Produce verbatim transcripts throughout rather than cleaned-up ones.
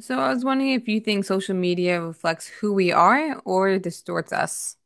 So I was wondering if you think social media reflects who we are or distorts us.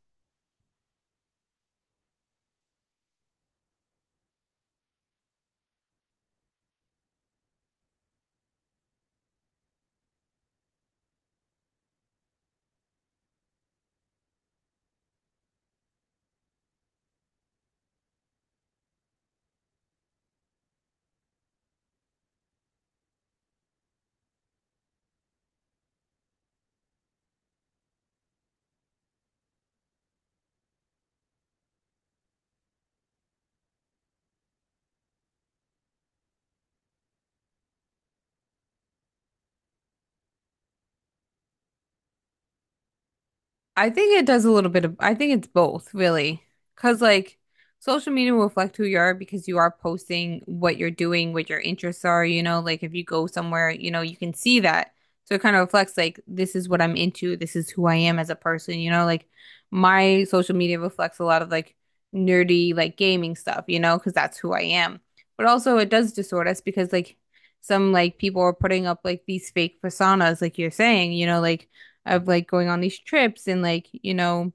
I think it does a little bit of, I think it's both, really. Because, like, social media will reflect who you are because you are posting what you're doing, what your interests are, you know, like if you go somewhere, you know, you can see that. So it kind of reflects, like, this is what I'm into, this is who I am as a person, you know, like my social media reflects a lot of like nerdy, like gaming stuff, you know, because that's who I am. But also, it does distort us because, like, some like people are putting up like these fake personas, like you're saying, you know, like, of like going on these trips and like, you know,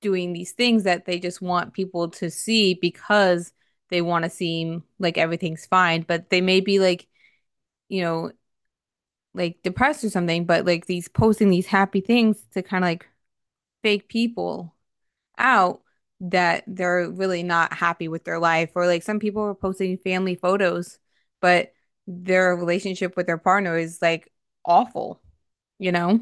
doing these things that they just want people to see because they want to seem like everything's fine, but they may be like, you know, like depressed or something, but like these posting these happy things to kind of like fake people out that they're really not happy with their life. Or like some people are posting family photos, but their relationship with their partner is like awful, you know?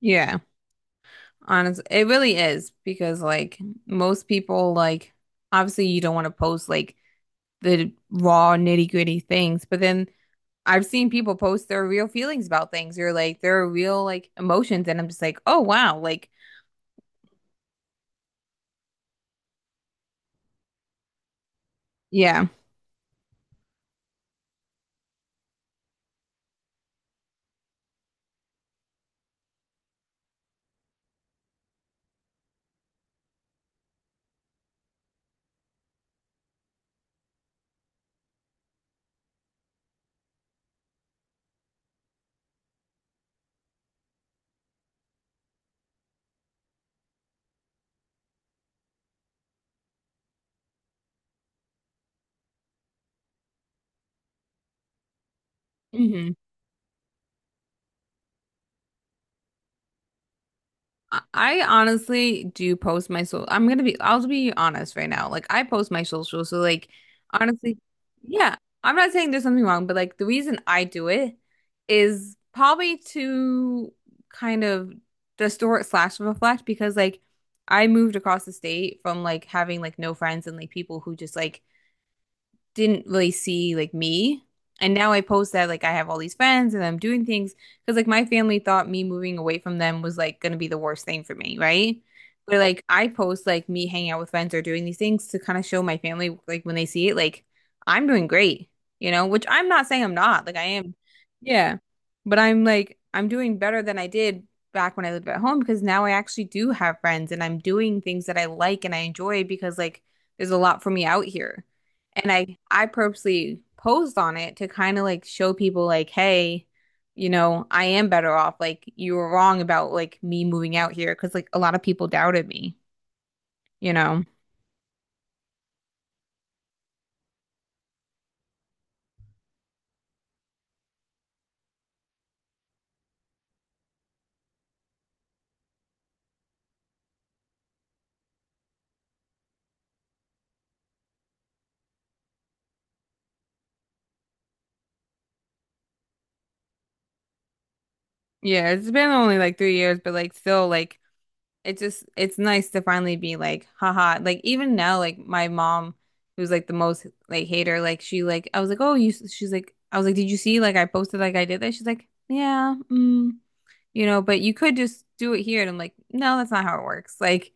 Yeah. Honestly, it really is because like most people like obviously you don't want to post like the raw nitty-gritty things, but then I've seen people post their real feelings about things or like their real like emotions and I'm just like, "Oh wow." Like, yeah. Mhm. I I honestly do post my social. I'm gonna be I'll be honest right now. Like I post my social, so like honestly, yeah, I'm not saying there's something wrong, but like the reason I do it is probably to kind of distort slash reflect because like I moved across the state from like having like no friends and like people who just like didn't really see like me. And now I post that like I have all these friends and I'm doing things because like my family thought me moving away from them was like gonna be the worst thing for me, right? But like I post like me hanging out with friends or doing these things to kind of show my family like when they see it, like I'm doing great, you know, which I'm not saying I'm not, like I am. Yeah. But I'm like I'm doing better than I did back when I lived at home because now I actually do have friends and I'm doing things that I like and I enjoy because like there's a lot for me out here. And I I purposely posed on it to kind of like show people like, hey, you know, I am better off. Like you were wrong about like me moving out here because like a lot of people doubted me, you know. Yeah, it's been only like three years, but like still like it just it's nice to finally be like, haha. Like even now, like my mom, who's like the most like hater, like she like I was like, oh, you. She's like, I was like, did you see? Like I posted like I did that. She's like, yeah. Mm. you know, but you could just do it here. And I'm like, no, that's not how it works. Like,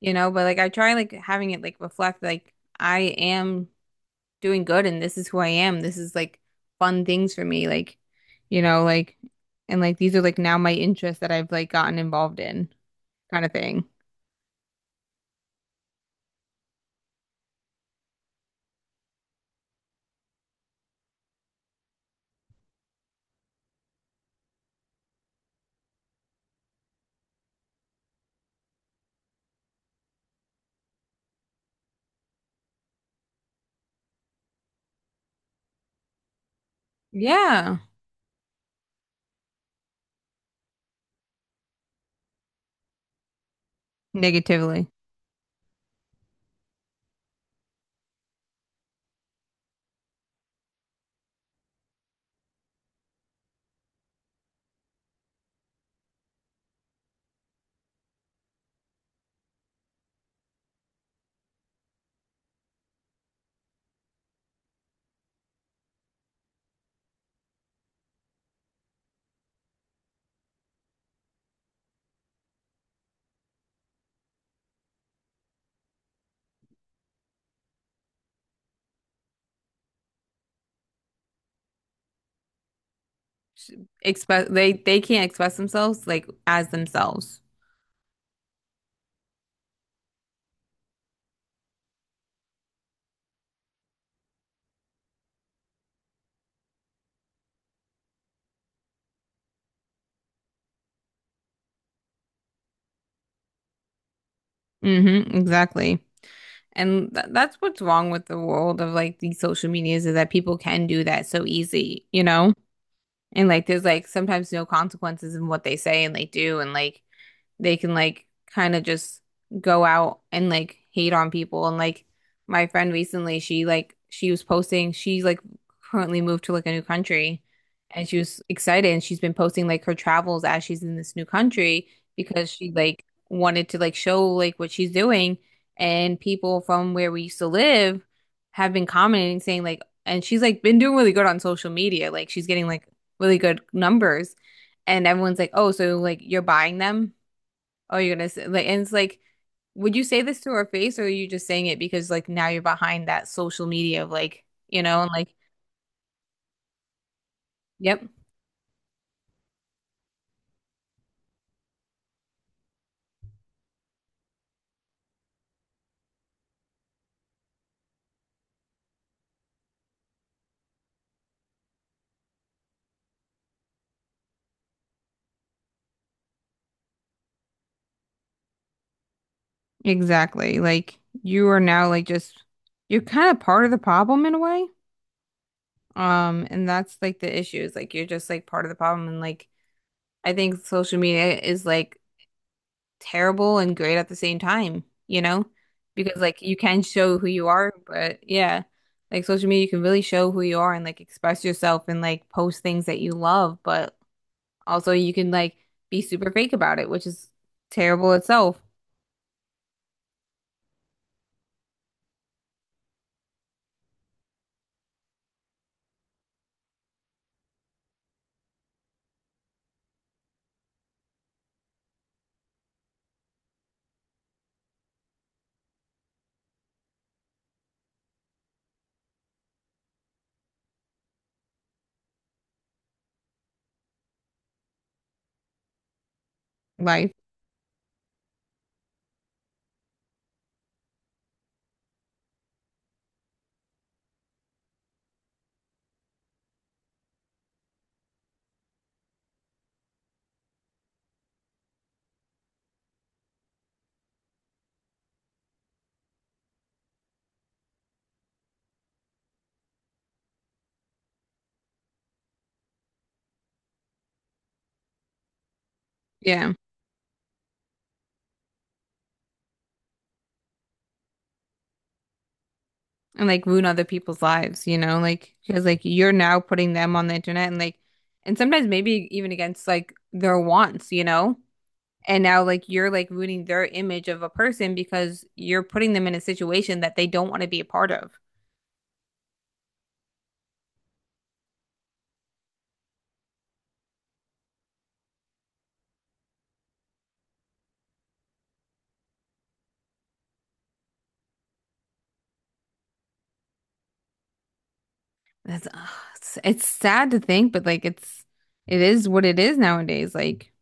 you know, but like I try like having it like reflect like I am doing good and this is who I am. This is like fun things for me. Like, you know, like, and like these are like now my interests that I've like gotten involved in kind of thing. Yeah. Negatively. Express, they, they can't express themselves like as themselves. Mm-hmm. Exactly. And th that's what's wrong with the world of like these social medias is that people can do that so easy, you know? And like there's like sometimes no consequences in what they say and they do and like they can like kind of just go out and like hate on people. And like my friend recently, she like she was posting, she's like currently moved to like a new country and she was excited and she's been posting like her travels as she's in this new country because she like wanted to like show like what she's doing. And people from where we used to live have been commenting saying like, and she's like been doing really good on social media. Like she's getting like really good numbers. And everyone's like, oh, so like you're buying them? Oh, you're gonna say like, and it's like, would you say this to her face, or are you just saying it because like now you're behind that social media of like, you know, and like, yep, exactly. Like you are now like just you're kind of part of the problem in a way. Um, and that's like the issue is like you're just like part of the problem, and like I think social media is like terrible and great at the same time, you know? Because like you can show who you are, but yeah, like social media, you can really show who you are and like express yourself and like post things that you love, but also you can like be super fake about it, which is terrible itself. Life. Yeah. And like ruin other people's lives, you know? Like, because like you're now putting them on the internet and like, and sometimes maybe even against like their wants, you know? And now, like, you're like ruining their image of a person because you're putting them in a situation that they don't want to be a part of. That's, ugh, it's, it's sad to think, but like, it's, it is what it is nowadays. Like,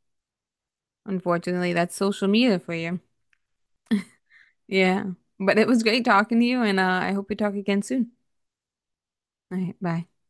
unfortunately, that's social media for you. Yeah. But it was great talking to you, and uh, I hope we talk again soon. All right. Bye.